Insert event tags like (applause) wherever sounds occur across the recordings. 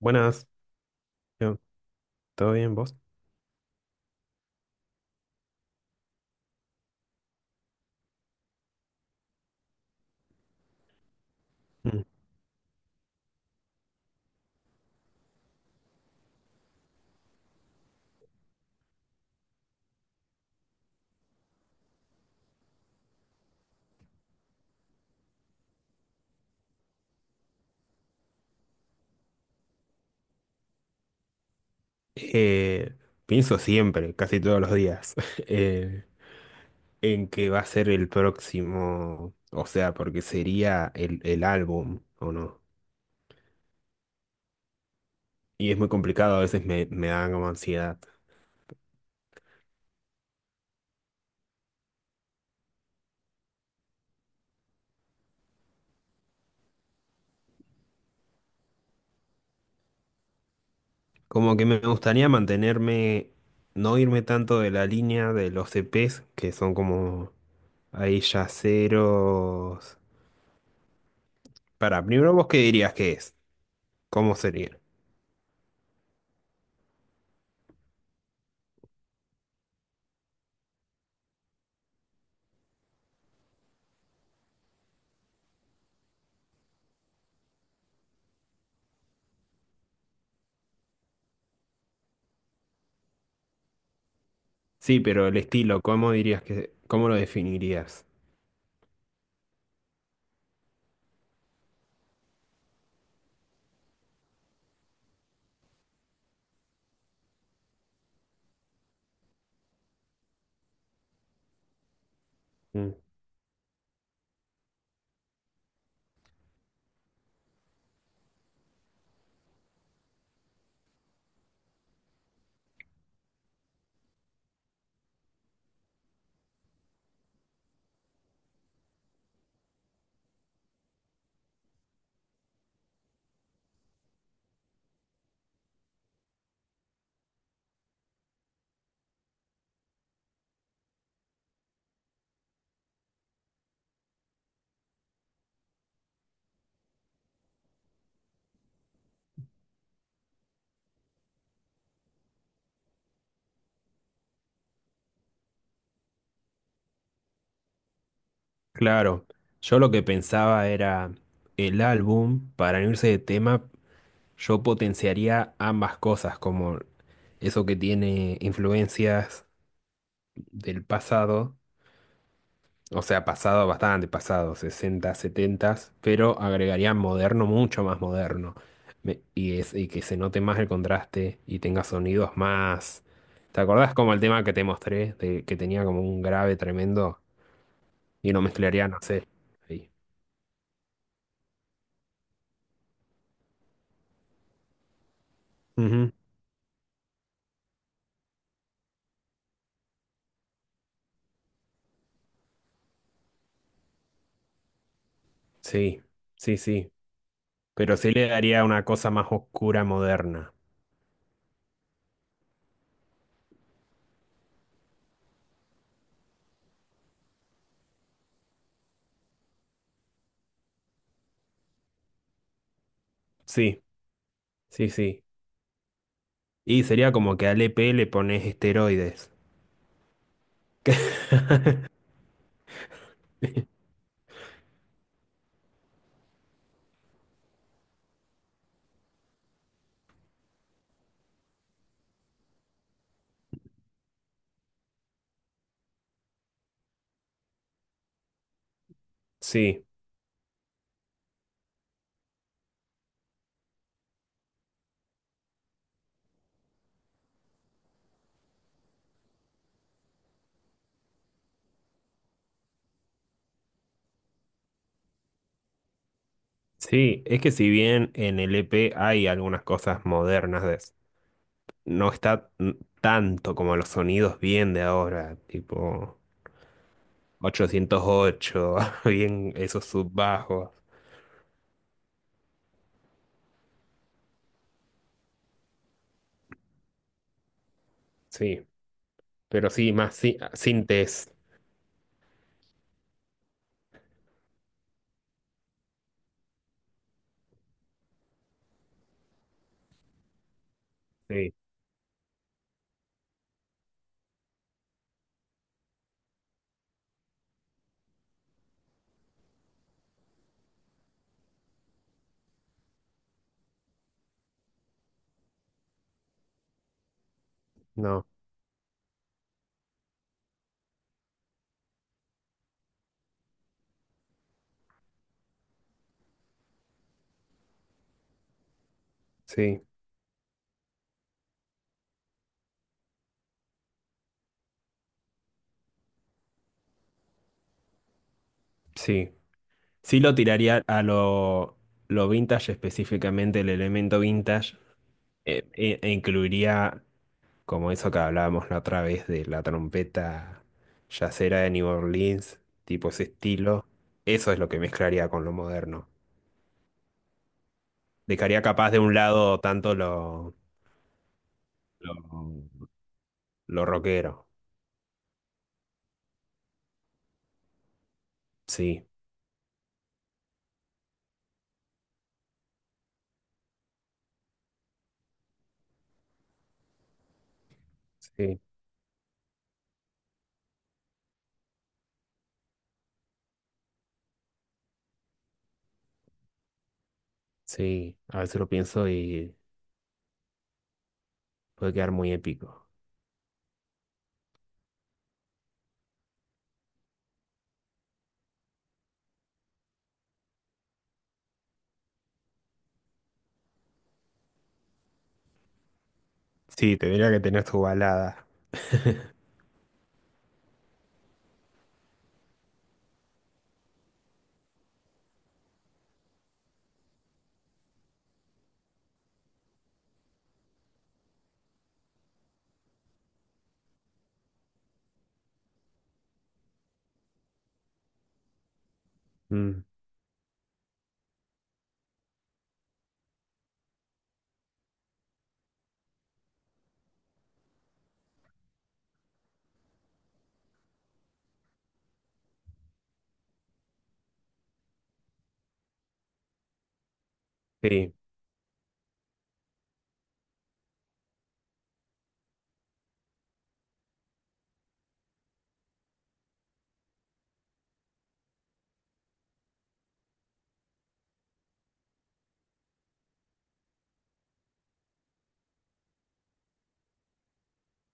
Buenas, yo, ¿todo bien vos? Mm. Eh, Pienso siempre, casi todos los días, (laughs) eh, en que va a ser el próximo, o sea, porque sería el álbum, ¿o no? Y es muy complicado, a veces me da como ansiedad. Como que me gustaría mantenerme, no irme tanto de la línea de los EPs, que son como ahí yaceros. Para, primero vos qué dirías que es, ¿cómo sería? Sí, pero el estilo, ¿cómo dirías que, cómo lo definirías? Mm. Claro, yo lo que pensaba era el álbum, para no irse de tema, yo potenciaría ambas cosas, como eso que tiene influencias del pasado, o sea, pasado bastante pasado, 60, 70, pero agregaría moderno, mucho más moderno. Y, es, y que se note más el contraste y tenga sonidos más. ¿Te acordás como el tema que te mostré, de, que tenía como un grave tremendo y lo mezclaría, no sé? ¿Ahí? Sí, sí, sí. Pero sí le daría una cosa más oscura moderna. Sí, sí, sí. Y sería como que al EP le pones esteroides. Sí, sí. Es que si bien en el EP hay algunas cosas modernas, no está tanto como los sonidos bien de ahora, tipo 808, (laughs) bien esos subbajos. Sí, pero sí, más sí, sintes. Sí, no, sí, sí. Sí lo tiraría a lo vintage, específicamente el elemento vintage, e incluiría como eso que hablábamos la otra vez de la trompeta yacera de New Orleans, tipo ese estilo. Eso es lo que mezclaría con lo moderno. Dejaría capaz de un lado tanto lo, lo rockero. Sí, sí, sí. A veces lo pienso y puede quedar muy épico. Sí, tendría que tener tu balada. Mm, sí.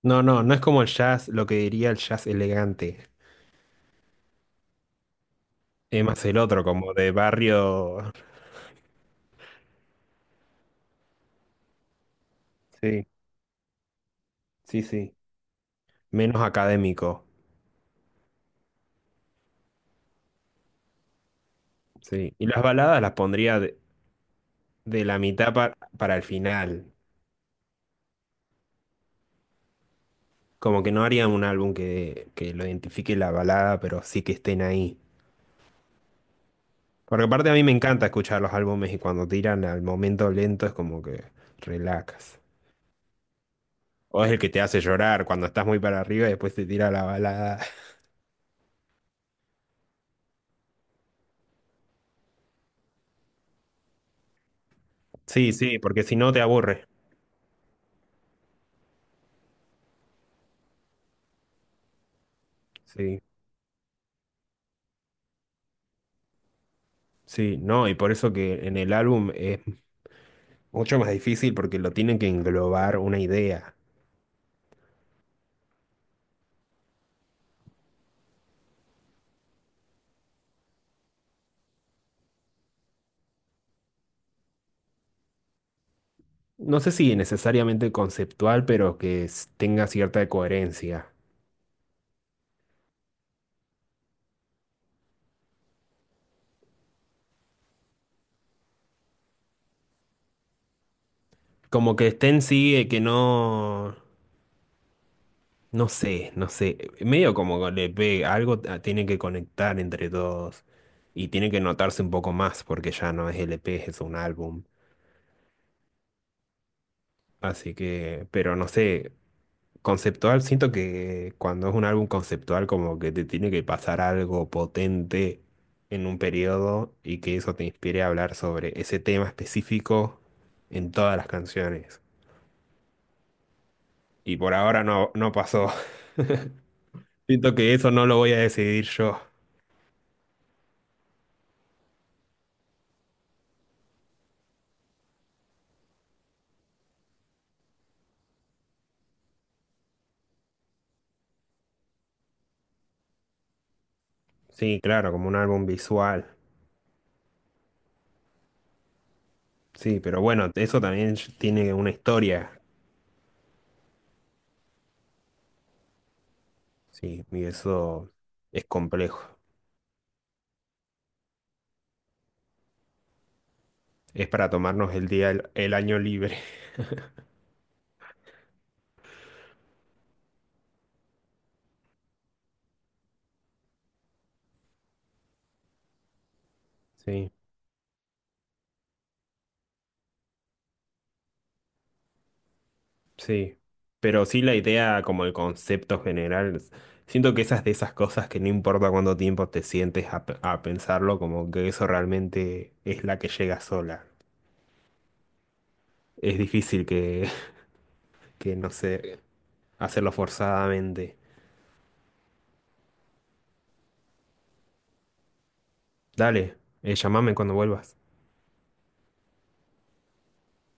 No, no, no es como el jazz, lo que diría el jazz elegante. Es más el otro, como de barrio. Sí, sí, sí. Menos académico. Sí. Y las baladas las pondría de la mitad para el final. Como que no haría un álbum que lo identifique la balada, pero sí que estén ahí. Porque aparte a mí me encanta escuchar los álbumes y cuando tiran al momento lento es como que relajas. O es el que te hace llorar cuando estás muy para arriba y después te tira la balada. Sí, sí, porque si no te aburre. Sí. Sí, no, y por eso que en el álbum es mucho más difícil porque lo tienen que englobar una idea. No sé si necesariamente conceptual, pero que tenga cierta coherencia. Como que estén sigue, que no, no sé, no sé. Medio como le pega, algo tiene que conectar entre todos y tiene que notarse un poco más porque ya no es LP, es un álbum. Así que, pero no sé, conceptual, siento que cuando es un álbum conceptual como que te tiene que pasar algo potente en un periodo y que eso te inspire a hablar sobre ese tema específico en todas las canciones. Y por ahora no, no pasó. (laughs) Siento que eso no lo voy a decidir yo. Sí, claro, como un álbum visual. Sí, pero bueno, eso también tiene una historia. Sí, y eso es complejo. Es para tomarnos el día, el año libre. Sí, sí. Pero sí la idea, como el concepto general, es. Siento que esas de esas cosas que no importa cuánto tiempo te sientes a, a pensarlo, como que eso realmente es la que llega sola. Es difícil que, (laughs) que no sé, hacerlo forzadamente. Dale, llámame cuando vuelvas.